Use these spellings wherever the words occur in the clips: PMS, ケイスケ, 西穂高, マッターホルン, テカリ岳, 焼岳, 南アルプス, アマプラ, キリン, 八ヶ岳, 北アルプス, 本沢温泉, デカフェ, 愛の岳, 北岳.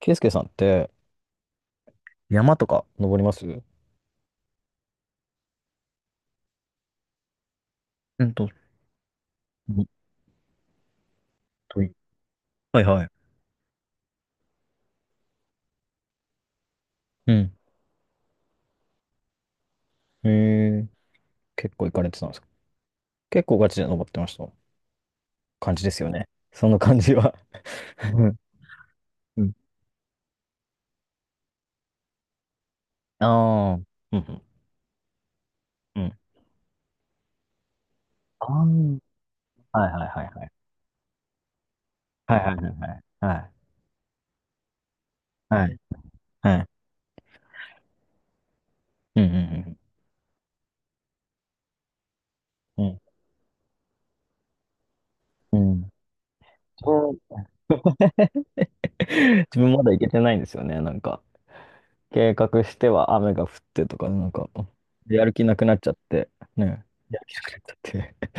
ケイスケさんって山とか登りますう？うんと、うんといはいはい。ん。へえ、結構行かれてたんですか？結構ガチで登ってました感じですよね。その感じは、うんうん、ああー、うんうんうん。あー、はいはいはいはい。はいはいはいはい。はい。はい。うんうんうんうん。うん。そう。 自分まだ行けてないんですよね。なんか、計画しては雨が降ってとか、なんか、やる気なくなっちゃって、ね。やる気なくなっち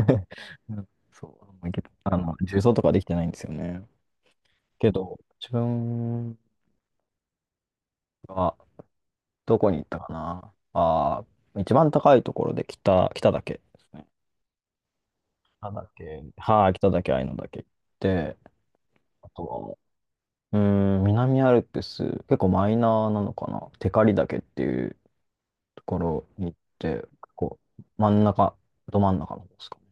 ゃって。 そうんそけど、あの、重曹とかできてないんですよね。けど、自分はどこに行ったかな。ああ、一番高いところで、北岳ですね。北岳、はい、北岳、愛の岳行って、あとは、うーん、南アルプス、結構マイナーなのかな。テカリ岳っていうところに行って、こう、真ん中、ど真ん中の方ですかね。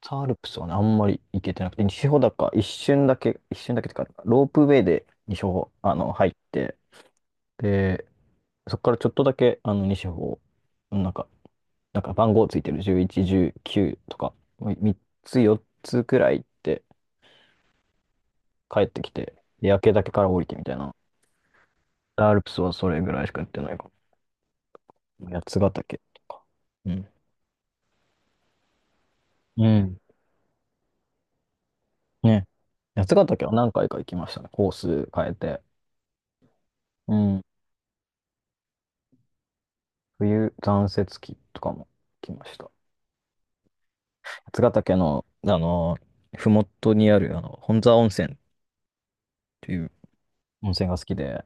北アルプスはね、あんまり行けてなくて、西穂高、一瞬だけ、一瞬だけってか、ロープウェイで西穂、あの、入って、で、そこからちょっとだけ、あの、西穂、なんか、なんか番号ついてる11、19とか、3つ、4つくらい行って帰ってきて、で焼岳から降りてみたいな。北アルプスはそれぐらいしかやってないかも。八ヶ岳とか。うん。うん。ね。八ヶ岳は何回か行きましたね。コース変えて。うん。冬残雪期とかも来ました。八ヶ岳の、あの、ふもとにある、あの、本沢温泉っていう温泉が好きで、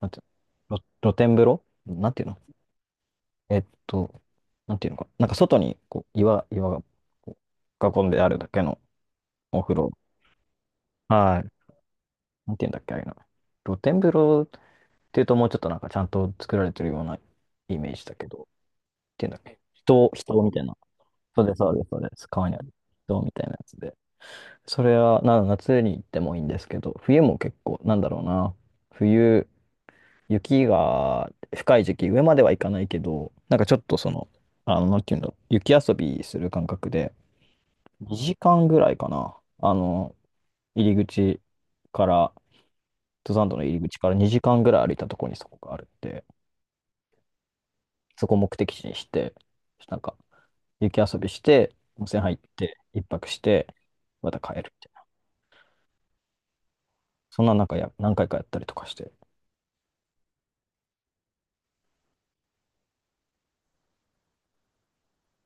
なんていうの、露天風呂なんていうの、えっと、なんていうのか。なんか外に、こう、岩が、こう、囲んであるだけのお風呂。はい。なんていうんだっけ、あれな。露天風呂っていうと、もうちょっとなんかちゃんと作られてるようなイメージだけど、っていうんだっけ。人みたいな。そうです、そうです、そうです。川にある人みたいなやつで。それは、夏に行ってもいいんですけど、冬も結構、なんだろうな。冬、雪が深い時期、上までは行かないけど、なんかちょっとその、あの、なんていうんだろう、雪遊びする感覚で、2時間ぐらいかな。あの、入り口から、登山道の入り口から2時間ぐらい歩いたところにそこがあるんで、そこを目的地にして、なんか、雪遊びして、温泉入って、一泊して、また帰るみたいな。そんななんかや、何回かやったりとかして。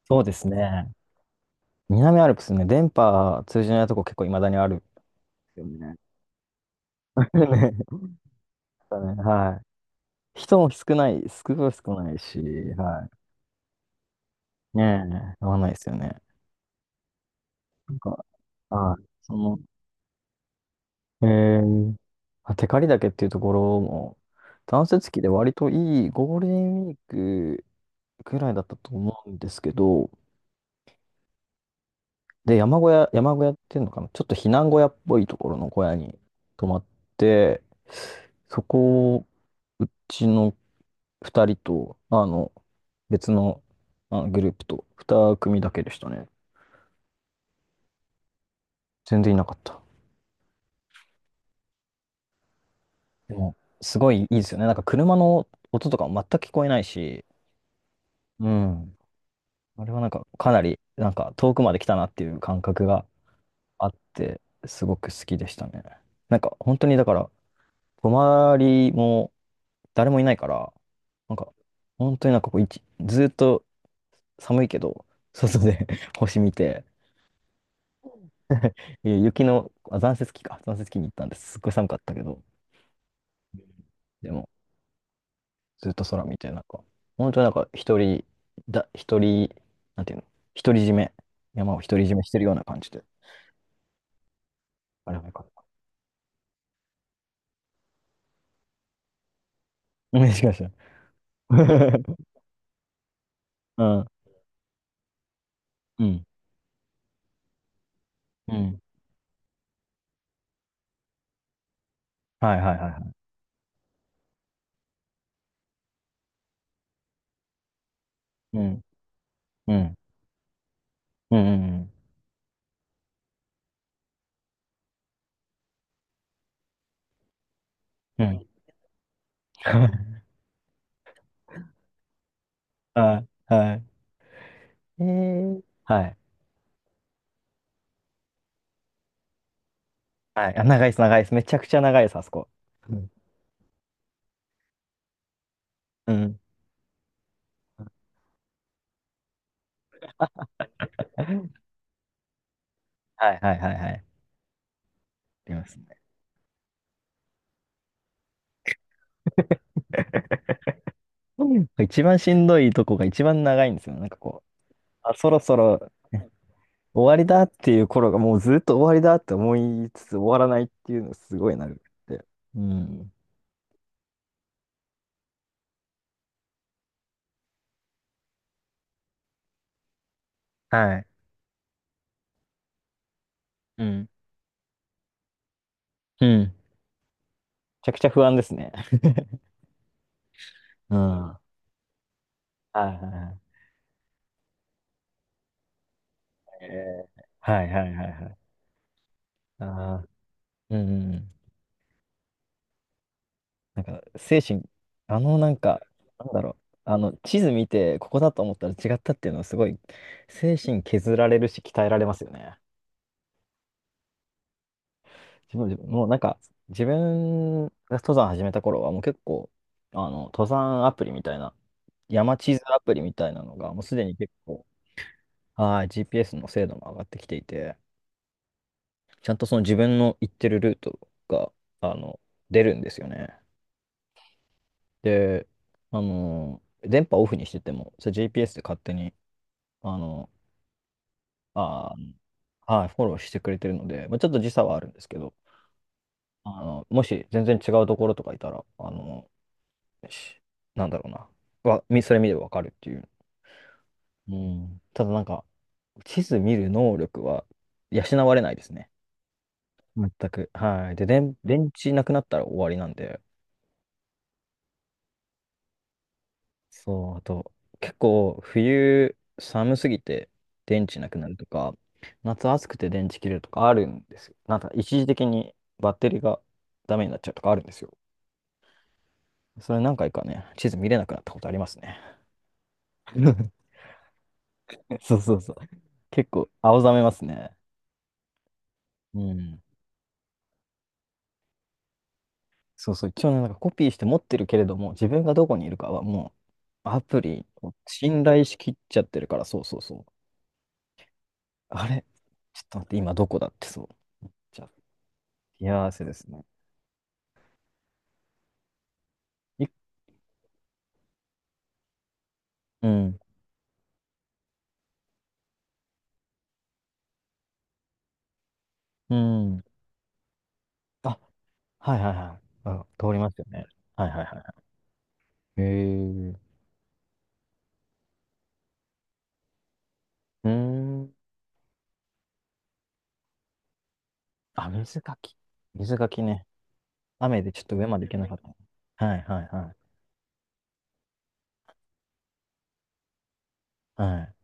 そうですね。南アルプスね、電波通じないとこ結構いまだにあるんですよね。ね、だね、はい。人も少ない少ないし、はい。ねえ、合わないですよね。なんか、はい。その、えまあ、テカリ岳っていうところも、断雪期で割といいゴールデンウィークぐらいだったと思うんですけど、で、山小屋っていうのかな、ちょっと避難小屋っぽいところの小屋に泊まって、そこをうちの2人と、あの、別の、あのグループと2組だけでしたね。全然いなかった。でも、すごいいいですよね。なんか車の音とかも全く聞こえないし、うん。あれはなんかかなり、なんか遠くまで来たなっていう感覚があって、すごく好きでしたね。なんか本当にだから、泊まりも、誰もいないから、なんか、本当になんかこう、ずーっと寒いけど、外で 星見て、いや雪の、あ、残雪期か、残雪期に行ったんです。すっごい寒かったけど、でも、ずっと空見て、なんか、本当になんか一人、なんていうの、独り占め、山を独り占めしてるような感じで、あれはよかった。うん、しかし。うん、うん、うん。はいはいはいはい。うん、うん、うん、うん、うん。うん。 はい、はい。えー、はい。はい。あ、長いです、長いです。めちゃくちゃ長いです、あそこ。うん。うん。はいはいはいはい。ありますね。一番しんどいとこが一番長いんですよね。なんかこう、あ、そろそろ終わりだっていう頃がもうずっと終わりだって思いつつ終わらないっていうのがすごいなるって。うん。はい。うん。うん。めちゃくちゃ不安ですね。うん。はいはいはい。はいはいはいはい。ああ。うんうんうん。なんか、精神、あの、なんか、なんだろう、あの、地図見て、ここだと思ったら違ったっていうのは、すごい、精神削られるし、鍛えられますよね。自分もうなんか、自分が登山始めた頃は、もう結構、あの、登山アプリみたいな、山地図アプリみたいなのが、もうすでに結構、はい、GPS の精度も上がってきていて、ちゃんとその自分の行ってるルートが、あの、出るんですよね。で、あの、電波オフにしてても、それ GPS で勝手に、あの、あー、はい、フォローしてくれてるので、まあ、ちょっと時差はあるんですけど、あの、もし全然違うところとかいたら、あの、しなんだろうな、それ見ればわかるっていう。うん。ただなんか、地図見る能力は養われないですね。全く。はい。で、電池なくなったら終わりなんで、そう、あと、結構冬寒すぎて電池なくなるとか、夏暑くて電池切れるとかあるんですよ。なんか一時的にバッテリーがダメになっちゃうとかあるんですよ。それ何回かね、地図見れなくなったことありますね。そうそうそう。結構青ざめますね。うん。そうそう。一応ね、なんかコピーして持ってるけれども、自分がどこにいるかはもうアプリを信頼しきっちゃってるから、そうそうそう。あれ、ちょっと待って、今どこだってそう。じゃあ、幸せですね。いうん。うん。あ、はいはいはい。あ、通りますよね。はいはいはいはい。へえ。うーん。あ、水かき。水かきね。雨でちょっと上まで行けなかった。はいはいはい。はい。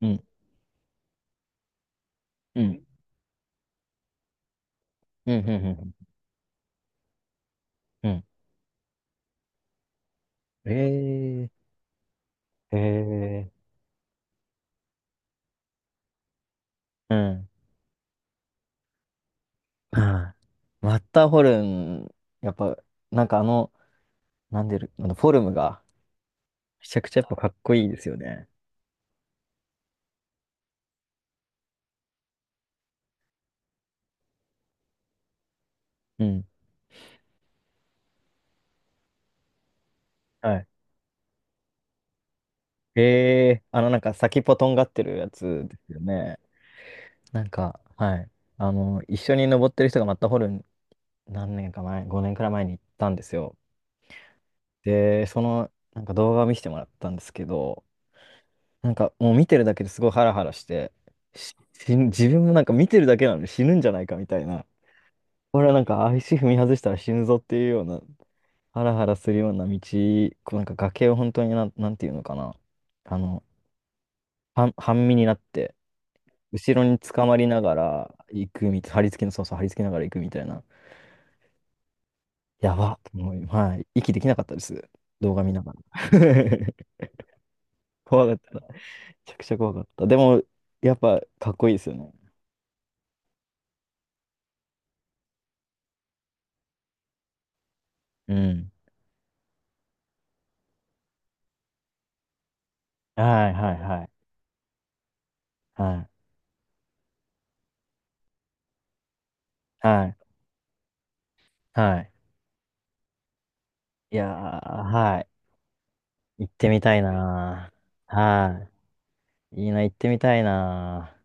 うん。うん。うん。うん。うん。うん、ええ。へえ。うん。はい。マッターホルン、やっぱ、なんかあの、なんでる、あのフォルムが、めちゃくちゃやっぱかっこいいですよね。うん。はい。あの、なんか先っぽとんがってるやつですよね。なんか、はい。あの、一緒に登ってる人がマッターホルン何年か前、5年くらい前に行ったんですよ。で、その、なんか動画を見せてもらったんですけど、なんかもう見てるだけですごいハラハラして、死ぬ、自分もなんか見てるだけなのに死ぬんじゃないかみたいな。これはなんか足踏み外したら死ぬぞっていうような、ハラハラするような道、こうなんか崖を本当になんていうのかな。あの、半身になって、後ろに捕まりながら行くみたい、張り付けの、そうそう、張り付けながら行くみたいな。やばっと思い、はい、息できなかったです。動画見ながら。怖かった。めちゃくちゃ怖かった。でも、やっぱかっこいいですよね。うん。はいはいはい。はい。はい。はい。いやー、はい。行ってみたいなー。はい。いいな、行ってみたいなー。